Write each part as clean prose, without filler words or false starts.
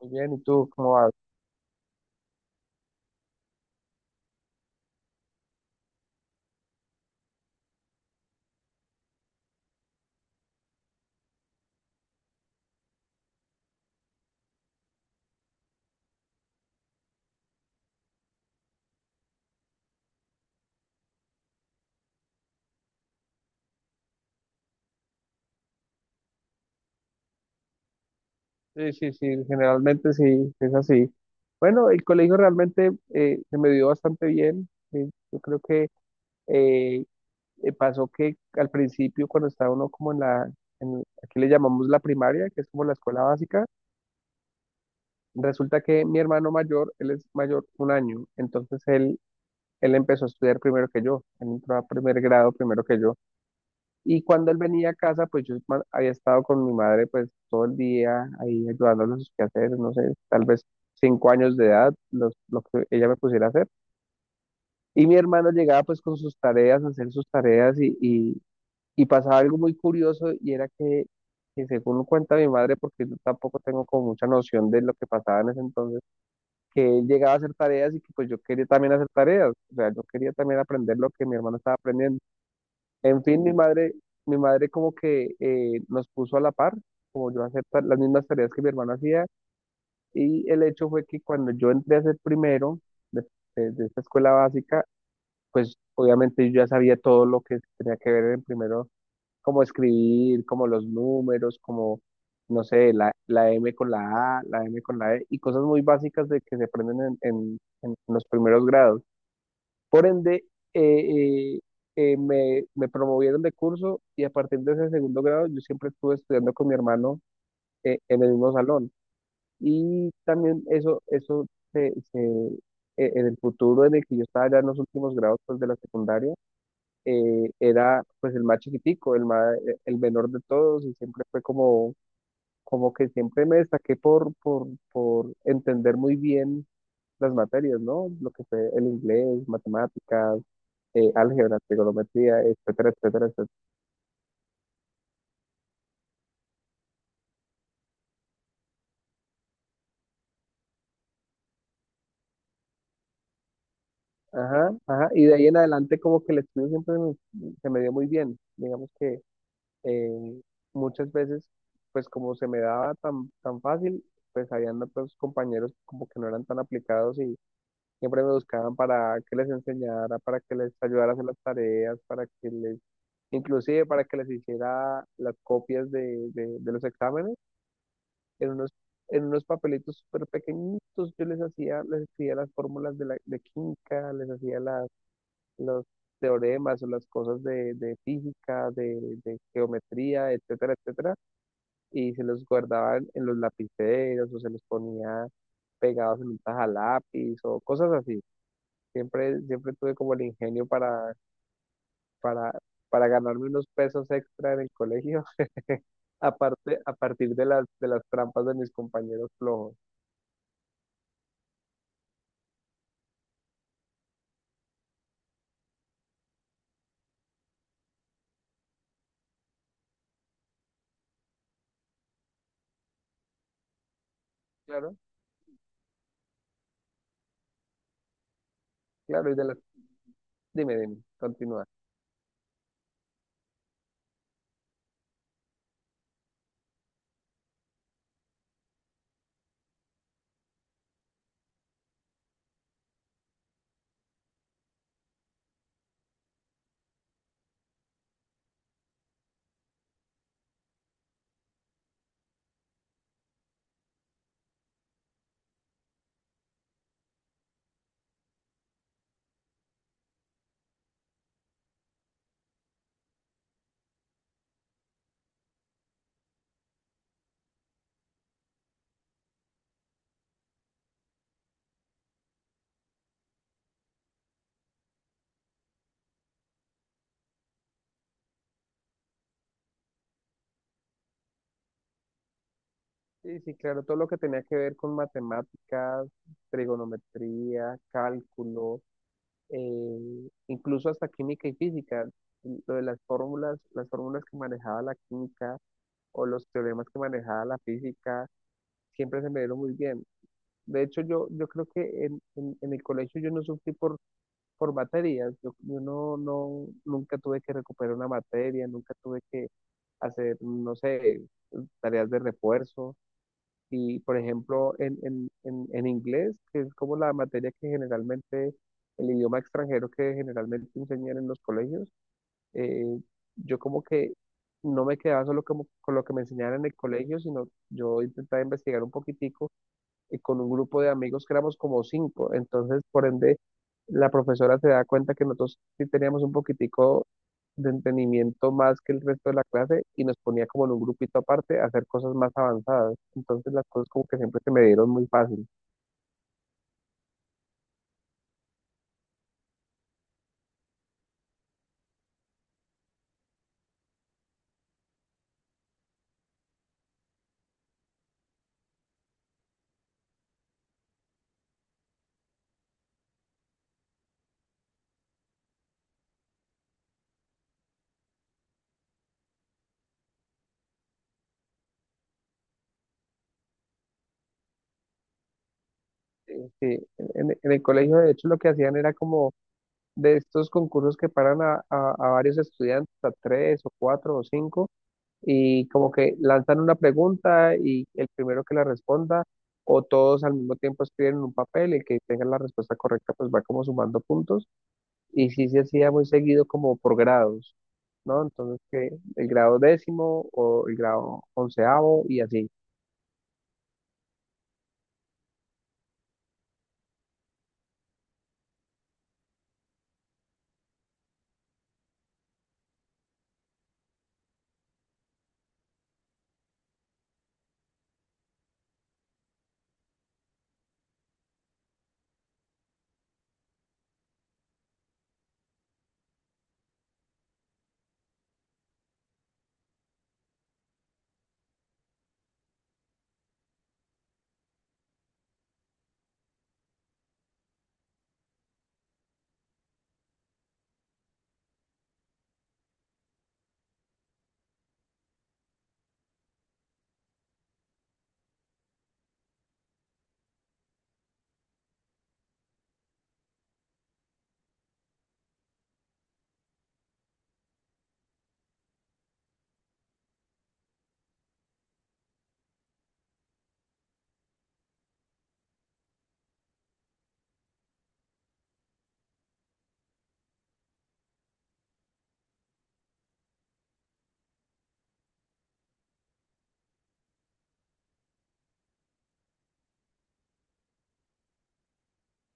Muy bien, ¿y tú cómo vas? Sí, sí, sí, generalmente sí, es así. Bueno, el colegio realmente se me dio bastante bien. Yo creo que eh, pasó que al principio, cuando estaba uno como aquí le llamamos la primaria, que es como la escuela básica. Resulta que mi hermano mayor, él es mayor un año, entonces él empezó a estudiar primero que yo, él entró a primer grado primero que yo. Y cuando él venía a casa, pues yo había estado con mi madre pues todo el día ahí ayudándole a sus quehaceres, no sé, tal vez 5 años de edad, lo que ella me pusiera a hacer. Y mi hermano llegaba pues con sus tareas, a hacer sus tareas, y pasaba algo muy curioso, y era que según cuenta mi madre, porque yo tampoco tengo como mucha noción de lo que pasaba en ese entonces, que él llegaba a hacer tareas y que pues yo quería también hacer tareas, o sea, yo quería también aprender lo que mi hermano estaba aprendiendo. En fin, mi madre como que nos puso a la par, como yo a hacer las mismas tareas que mi hermano hacía, y el hecho fue que cuando yo entré a ser primero de, de esta escuela básica, pues obviamente yo ya sabía todo lo que tenía que ver en primero, como escribir, como los números, como, no sé, la, la M con la A, la M con la E, y cosas muy básicas de que se aprenden en los primeros grados. Por ende, eh, eh, me promovieron de curso, y a partir de ese segundo grado yo siempre estuve estudiando con mi hermano, en el mismo salón. Y también eso, eso se, se- en el futuro en el que yo estaba ya en los últimos grados pues, de la secundaria, era pues el más chiquitico, el menor de todos, y siempre fue como que siempre me destaqué por, por entender muy bien las materias, ¿no? Lo que fue el inglés, matemáticas, álgebra, trigonometría, etcétera, etcétera, etcétera. Ajá, ajá. Y de ahí en adelante como que el estudio siempre se me dio muy bien. Digamos que eh, muchas veces, pues como se me daba tan, tan fácil, pues habían otros compañeros como que no eran tan aplicados, y siempre me buscaban para que les enseñara, para que les ayudara a hacer las tareas, inclusive para que les hiciera las copias de los exámenes, en unos, en unos papelitos súper pequeñitos. Yo les hacía, les escribía las fórmulas de química, les hacía las, los teoremas o las cosas de física, de geometría, etcétera, etcétera, y se los guardaban en los lapiceros, o se los ponía pegados en un lápiz o cosas así. Siempre, siempre tuve como el ingenio para, para, para ganarme unos pesos extra en el colegio, aparte, a partir de las trampas de mis compañeros flojos. Claro. Claro, y de las... Dime, dime, continúa. Sí, sí, claro, todo lo que tenía que ver con matemáticas, trigonometría, cálculo, incluso hasta química y física, lo de las fórmulas que manejaba la química, o los teoremas que manejaba la física, siempre se me dieron muy bien. De hecho, yo creo que en el colegio yo no sufrí por materias. Yo no, no, nunca tuve que recuperar una materia, nunca tuve que hacer, no sé, tareas de refuerzo. Y, por ejemplo, en inglés, que es como la materia que generalmente, el idioma extranjero que generalmente enseñan en los colegios, eh, yo como que no me quedaba solo como con lo que me enseñaron en el colegio, sino yo intentaba investigar un poquitico y con un grupo de amigos que éramos como cinco. Entonces, por ende, la profesora se da cuenta que nosotros sí teníamos un poquitico de entendimiento más que el resto de la clase, y nos ponía como en un grupito aparte a hacer cosas más avanzadas. Entonces las cosas como que siempre se me dieron muy fácil. Sí, en el colegio de hecho lo que hacían era como de estos concursos que paran a, a varios estudiantes, a tres o cuatro o cinco, y como que lanzan una pregunta, y el primero que la responda, o todos al mismo tiempo escriben en un papel, el que tenga la respuesta correcta pues va como sumando puntos, y sí se hacía muy seguido como por grados, ¿no? Entonces que el grado décimo o el grado onceavo y así.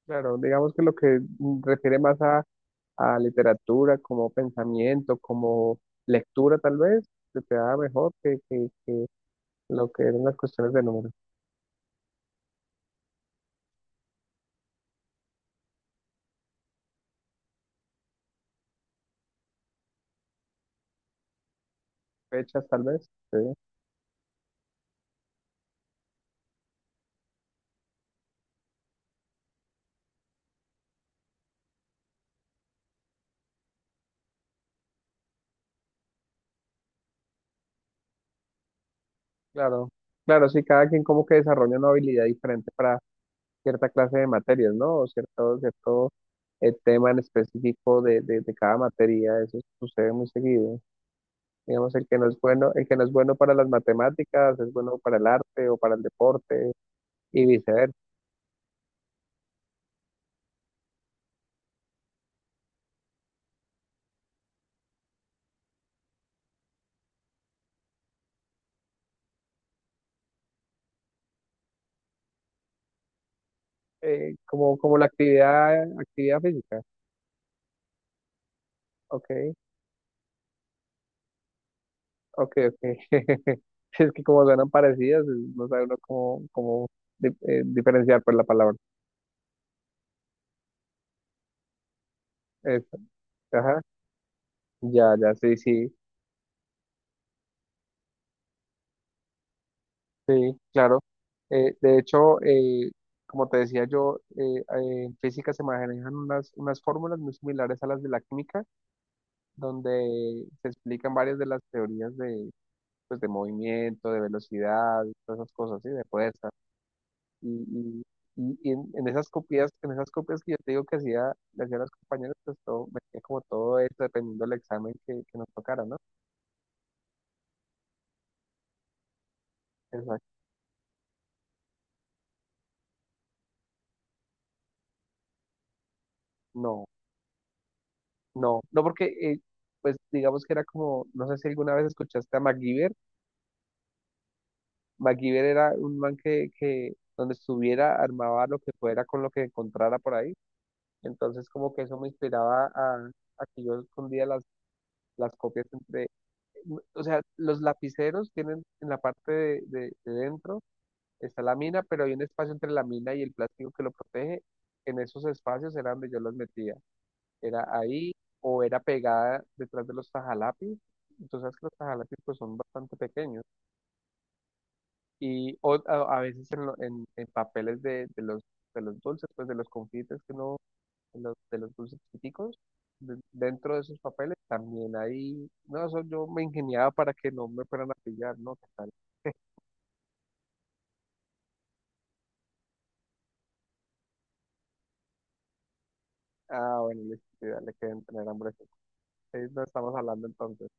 Claro, digamos que lo que refiere más a literatura como pensamiento, como lectura tal vez, se te da mejor que, que lo que eran las cuestiones de números, fechas tal vez. Sí. Claro, claro, sí, cada quien como que desarrolla una habilidad diferente para cierta clase de materias, ¿no? O cierto tema en específico de cada materia, eso sucede muy seguido. Digamos, el que no es bueno, el que no es bueno para las matemáticas, es bueno para el arte o para el deporte y viceversa. Como, la actividad física. Ok, ok, ok. Es que como suenan parecidas, no sabe uno cómo, diferenciar por la palabra. Eso. Ya, ya, sí, sí, sí, claro. De hecho, como te decía yo, en física se manejan unas fórmulas muy similares a las de la química, donde se explican varias de las teorías pues de movimiento, de velocidad, todas esas cosas, ¿sí? De fuerza. Y, y, y en esas copias, en esas copias que yo te digo que hacía, le hacía a los compañeros, pues todo, metía como todo esto, dependiendo del examen que nos tocara, ¿no? Exacto. No. No, no porque, pues digamos que era como, no sé si alguna vez escuchaste a MacGyver. MacGyver era un man que donde estuviera armaba lo que fuera con lo que encontrara por ahí. Entonces como que eso me inspiraba a, que yo escondía las, copias entre... O sea, los lapiceros tienen en la parte de dentro, está la mina, pero hay un espacio entre la mina y el plástico que lo protege. En esos espacios era donde yo los metía. Era ahí, o era pegada detrás de los tajalapis. Tú sabes que los tajalapis pues son bastante pequeños, y a veces en papeles de los dulces, pues de los confites que uno, de los dulces chiquiticos, dentro de esos papeles también ahí, no, eso yo me ingeniaba para que no me fueran a pillar, ¿no? ¿Qué tal? Ah, bueno, listo, sí, dale, que deben tener hambre. No estamos hablando entonces.